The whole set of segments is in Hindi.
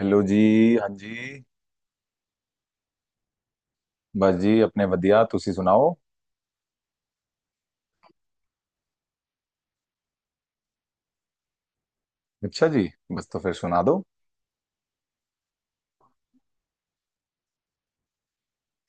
हेलो जी। हाँ जी। बस जी अपने वधिया तुसी सुनाओ। अच्छा जी। बस तो फिर सुना दो।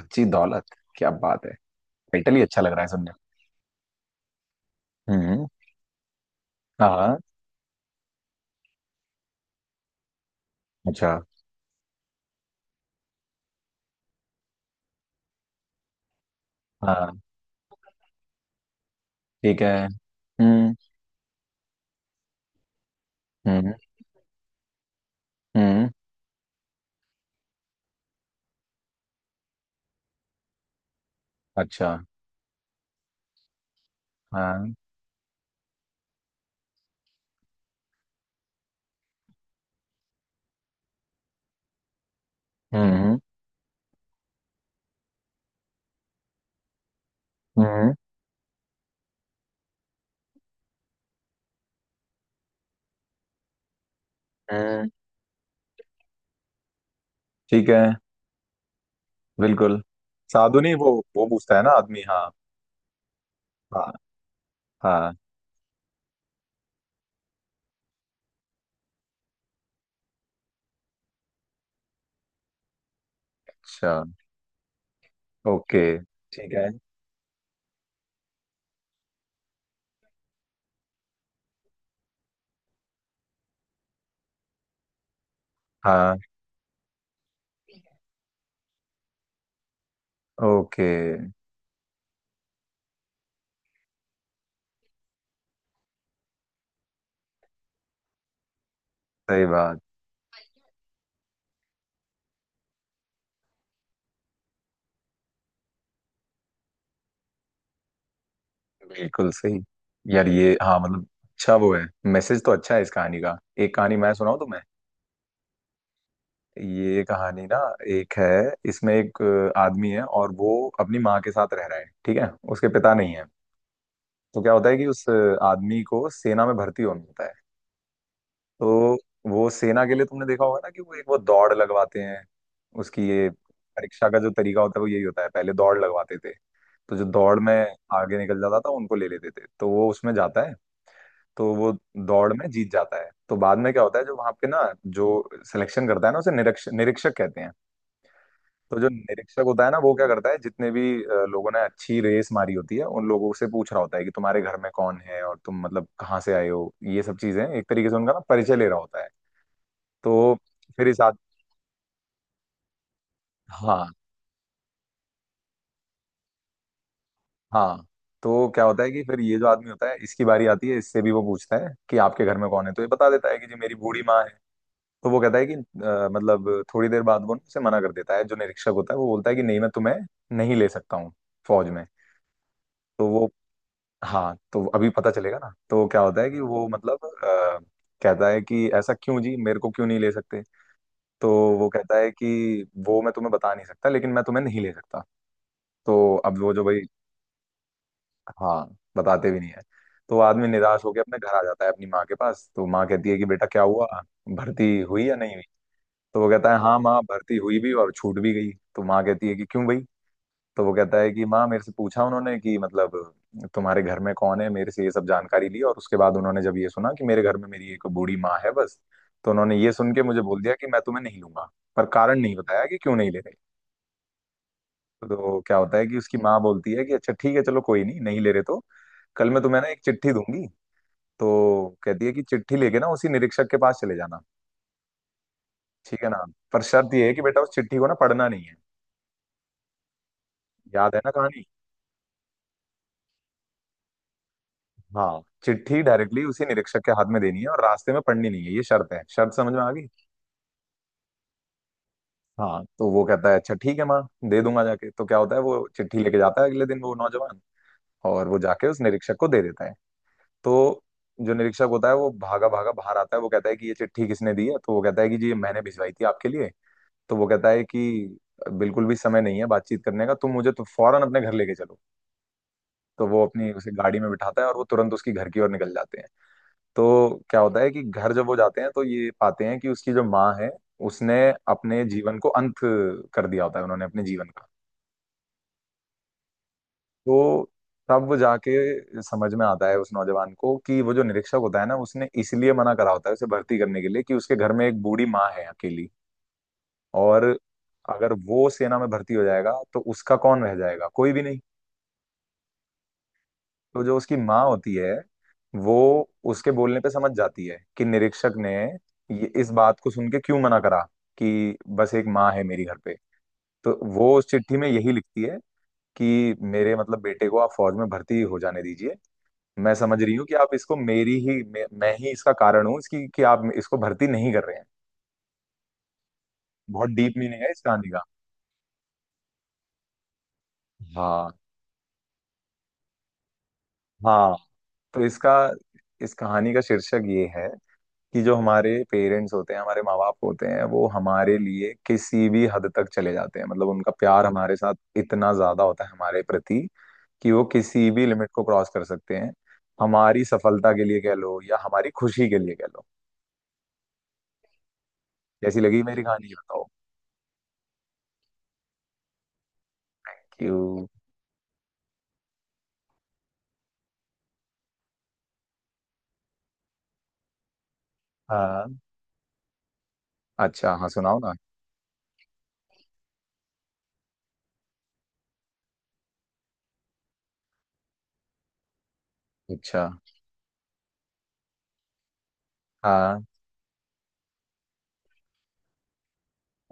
अच्छी दौलत। क्या बात है। टाइटल ही अच्छा लग रहा है सुनने में। हम्म। हाँ हाँ, अच्छा। हाँ ठीक है। हम्म हम्म। हम्म। अच्छा। हाँ। हम्म। हम्म। हम्म। हम्म, ठीक है। बिल्कुल। साधु नहीं, वो पूछता है ना आदमी। हाँ। हाँ हाँ। अच्छा। ओके। ठीक है। हाँ। ओके। सही बात। बिल्कुल सही। यार ये हाँ मतलब। अच्छा वो है। मैसेज तो अच्छा है इस कहानी का। एक कहानी मैं सुनाऊं तुम्हें। ये कहानी ना एक है। इसमें एक आदमी है और वो अपनी माँ के साथ रह रहा है। ठीक है, उसके पिता नहीं है। तो क्या होता है कि उस आदमी को सेना में भर्ती होना होता है। तो वो सेना के लिए तुमने देखा होगा ना कि वो एक वो दौड़ लगवाते हैं। उसकी ये परीक्षा का जो तरीका होता है वो यही होता है, पहले दौड़ लगवाते थे। तो जो दौड़ में आगे निकल जाता था उनको ले लेते थे, तो वो उसमें जाता है। तो वो दौड़ में जीत जाता है, तो बाद में क्या होता है, जो वहां पे ना जो सिलेक्शन करता है ना उसे निरीक्षक निरीक्षक कहते हैं। तो जो निरीक्षक होता है ना वो क्या करता है, जितने भी लोगों ने अच्छी रेस मारी होती है उन लोगों से पूछ रहा होता है कि तुम्हारे घर में कौन है और तुम मतलब कहाँ से आए हो, ये सब चीजें एक तरीके से उनका ना परिचय ले रहा होता है। तो फिर इस आद हाँ हाँ। तो क्या होता है कि फिर ये जो आदमी होता है इसकी बारी आती है, इससे भी वो पूछता है कि आपके घर में कौन है, तो ये बता देता है कि जी मेरी बूढ़ी माँ है। तो वो कहता है कि मतलब, थोड़ी देर बाद वो ना उसे मना कर देता है। जो निरीक्षक होता है वो बोलता है कि नहीं, मैं तुम्हें नहीं ले सकता हूँ फौज में। तो वो हाँ। तो अभी पता चलेगा ना। तो क्या होता है कि वो मतलब कहता है कि ऐसा क्यों जी, मेरे को क्यों नहीं ले सकते। तो वो कहता है कि वो मैं तुम्हें बता नहीं सकता, लेकिन मैं तुम्हें नहीं ले सकता। तो अब वो जो भाई। हाँ, बताते भी नहीं है। तो वो आदमी निराश होकर अपने घर आ जाता है अपनी माँ के पास, तो माँ कहती है कि बेटा क्या हुआ, भर्ती हुई या नहीं। तो वो कहता है हाँ माँ, भर्ती हुई भी और छूट भी गई। तो माँ कहती है कि क्यों भाई। तो वो कहता है कि माँ मेरे से पूछा उन्होंने कि मतलब तुम्हारे घर में कौन है, मेरे से ये सब जानकारी ली और उसके बाद उन्होंने जब ये सुना कि मेरे घर में मेरी एक बूढ़ी माँ है बस, तो उन्होंने ये सुन के मुझे बोल दिया कि मैं तुम्हें नहीं लूंगा। पर कारण नहीं बताया कि क्यों नहीं ले रहे। तो क्या होता है कि उसकी माँ बोलती है कि अच्छा ठीक है चलो, कोई नहीं, नहीं ले रहे तो कल मैं तुम्हें ना एक चिट्ठी दूंगी। तो कहती है कि चिट्ठी लेके ना उसी निरीक्षक के पास चले जाना। ठीक है ना। पर शर्त ये है कि बेटा उस चिट्ठी को ना पढ़ना नहीं है। याद है ना कहानी। हाँ, चिट्ठी डायरेक्टली उसी निरीक्षक के हाथ में देनी है और रास्ते में पढ़नी नहीं है, ये शर्त है, शर्त समझ में आ गई। हाँ तो वो कहता है अच्छा ठीक है माँ, दे दूंगा जाके। तो क्या होता है, वो चिट्ठी लेके जाता है अगले दिन, वो नौजवान, और वो जाके उस निरीक्षक को दे देता है। तो जो निरीक्षक होता है वो भागा भागा बाहर आता है, वो कहता है कि ये चिट्ठी किसने दी है, तो वो कहता है कि जी ये मैंने भिजवाई थी आपके लिए। तो वो कहता है कि बिल्कुल भी समय नहीं है बातचीत करने का, तुम मुझे तो फौरन अपने घर लेके चलो। तो वो अपनी उसे गाड़ी में बिठाता है और वो तुरंत उसकी घर की ओर निकल जाते हैं। तो क्या होता है कि घर जब वो जाते हैं तो ये पाते हैं कि उसकी जो माँ है उसने अपने जीवन को अंत कर दिया होता है, उन्होंने अपने जीवन का। तो तब वो जाके समझ में आता है उस नौजवान को कि वो जो निरीक्षक होता है ना उसने इसलिए मना करा होता है उसे भर्ती करने के लिए कि उसके घर में एक बूढ़ी माँ है अकेली। और अगर वो सेना में भर्ती हो जाएगा तो उसका कौन रह जाएगा, कोई भी नहीं। तो जो उसकी माँ होती है वो उसके बोलने पे समझ जाती है कि निरीक्षक ने ये इस बात को सुन के क्यों मना करा, कि बस एक माँ है मेरी घर पे। तो वो उस चिट्ठी में यही लिखती है कि मेरे मतलब बेटे को आप फौज में भर्ती हो जाने दीजिए। मैं समझ रही हूँ कि आप इसको मेरी ही मैं ही इसका कारण हूँ इसकी कि आप इसको भर्ती नहीं कर रहे हैं। बहुत डीप मीनिंग है इस कहानी का। हाँ। हाँ। तो इसका इस कहानी का शीर्षक ये है कि जो हमारे पेरेंट्स होते हैं, हमारे माँ बाप होते हैं, वो हमारे लिए किसी भी हद तक चले जाते हैं, मतलब उनका प्यार हमारे साथ इतना ज्यादा होता है हमारे प्रति कि वो किसी भी लिमिट को क्रॉस कर सकते हैं, हमारी सफलता के लिए कह लो या हमारी खुशी के लिए कह लो। कैसी लगी मेरी कहानी, ये बताओ। क्यों। हाँ। अच्छा हाँ, सुनाओ ना। अच्छा। हाँ।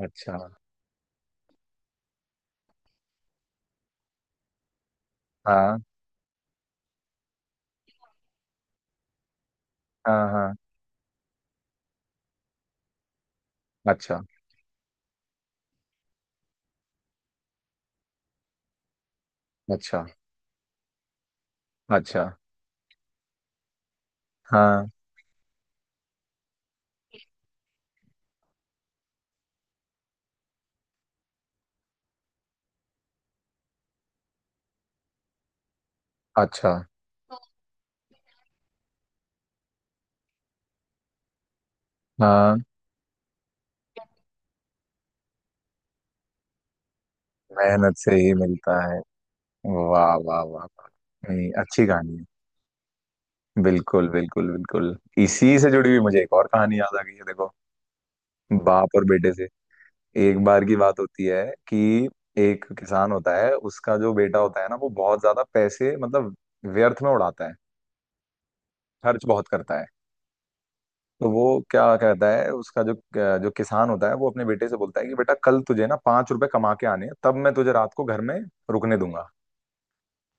अच्छा। हाँ हाँ हाँ। अच्छा। अच्छा। अच्छा। हाँ। अच्छा। हाँ, मेहनत से ही मिलता है। वाह। वाह वाह वाह नहीं, अच्छी कहानी है। बिल्कुल बिल्कुल बिल्कुल। इसी से जुड़ी हुई मुझे एक और कहानी याद आ गई है, देखो। बाप और बेटे से, एक बार की बात होती है कि एक किसान होता है, उसका जो बेटा होता है ना वो बहुत ज्यादा पैसे मतलब व्यर्थ में उड़ाता है, खर्च बहुत करता है। तो वो क्या कहता है, उसका जो जो किसान होता है वो अपने बेटे से बोलता है कि बेटा कल तुझे ना 5 रुपए कमा के आने हैं, तब मैं तुझे रात को घर में रुकने दूंगा।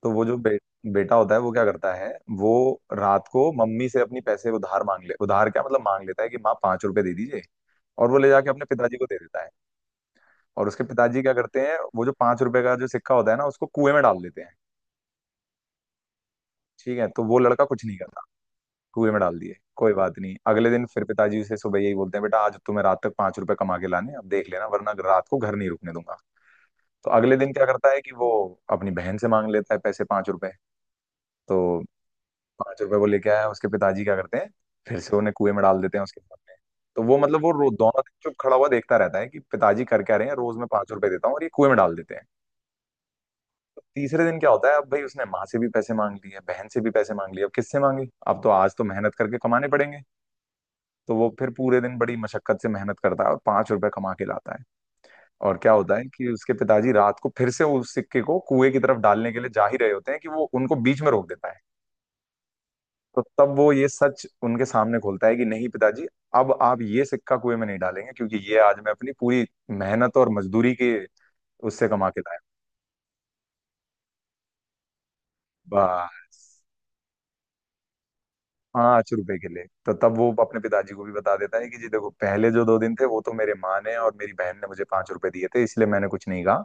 तो वो जो बेटा होता है, वो क्या करता है, वो रात को मम्मी से अपनी पैसे उधार मांग ले उधार क्या मतलब मांग लेता है कि माँ 5 रुपए दे दीजिए। और वो ले जाके अपने पिताजी को दे देता है। और उसके पिताजी क्या करते हैं, वो जो 5 रुपए का जो सिक्का होता है ना उसको कुएं में डाल देते हैं। ठीक है, तो वो लड़का कुछ नहीं करता। कुएं में डाल दिए। कोई बात नहीं, अगले दिन फिर पिताजी उसे सुबह यही बोलते हैं, बेटा आज तुम्हें रात तक 5 रुपए कमा के लाने, अब देख लेना, वरना रात को घर नहीं रुकने दूंगा। तो अगले दिन क्या करता है कि वो अपनी बहन से मांग लेता है पैसे 5 रुपए। तो 5 रुपए वो लेके आया, उसके पिताजी क्या करते हैं, फिर से उन्हें कुएं में डाल देते हैं उसके सामने। तो वो मतलब वो दोनों दिन चुप खड़ा हुआ देखता रहता है कि पिताजी कर क्या रहे हैं, रोज मैं 5 रुपए देता हूँ और ये कुएं में डाल देते हैं। तो तीसरे दिन क्या होता है, अब भाई उसने माँ से भी पैसे मांग लिए, बहन से भी पैसे मांग लिए, अब किससे मांगे, अब तो आज तो मेहनत करके कमाने पड़ेंगे। तो वो फिर पूरे दिन बड़ी मशक्कत से मेहनत करता है और 5 रुपए कमा के लाता है। और क्या होता है कि उसके पिताजी रात को फिर से उस सिक्के को कुएं की तरफ डालने के लिए जा ही रहे होते हैं कि वो उनको बीच में रोक देता है। तो तब वो ये सच उनके सामने खोलता है कि नहीं पिताजी, अब आप ये सिक्का कुएं में नहीं डालेंगे क्योंकि ये आज मैं अपनी पूरी मेहनत और मजदूरी के उससे कमा के लाया हूं। बस 5 रुपए के लिए। तो तब वो अपने पिताजी को भी बता देता है कि जी देखो, पहले जो 2 दिन थे वो तो मेरे माँ ने और मेरी बहन ने मुझे 5 रुपए दिए थे इसलिए मैंने कुछ नहीं कहा।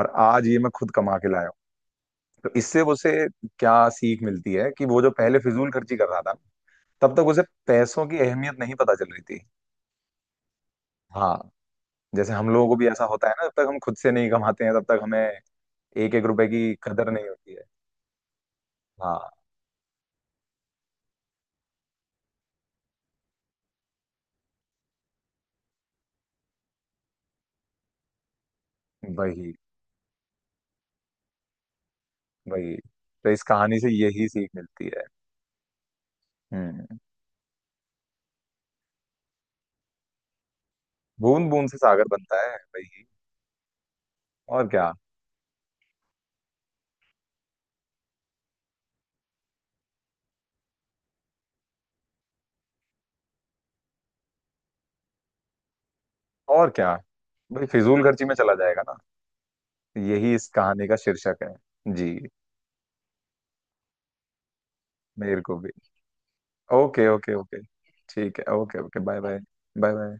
और आज ये मैं खुद कमा के लाया हूँ। तो इससे उसे क्या सीख मिलती है कि वो जो पहले फिजूल खर्ची कर रहा था तब तक उसे पैसों की अहमियत नहीं पता चल रही थी। हाँ। जैसे हम लोगों को भी ऐसा होता है ना, जब तक हम खुद से नहीं कमाते हैं तब तक हमें एक एक रुपए की कदर नहीं होती है। हाँ। वही। वही। तो इस कहानी से यही सीख मिलती है। हम्म। बूंद बूंद से सागर बनता है, वही। और क्या। और क्या। भाई फिजूल खर्ची में चला जाएगा ना। यही इस कहानी का शीर्षक है। जी। मेरे को भी। Okay okay okay. ठीक है, okay okay, bye bye. Bye bye.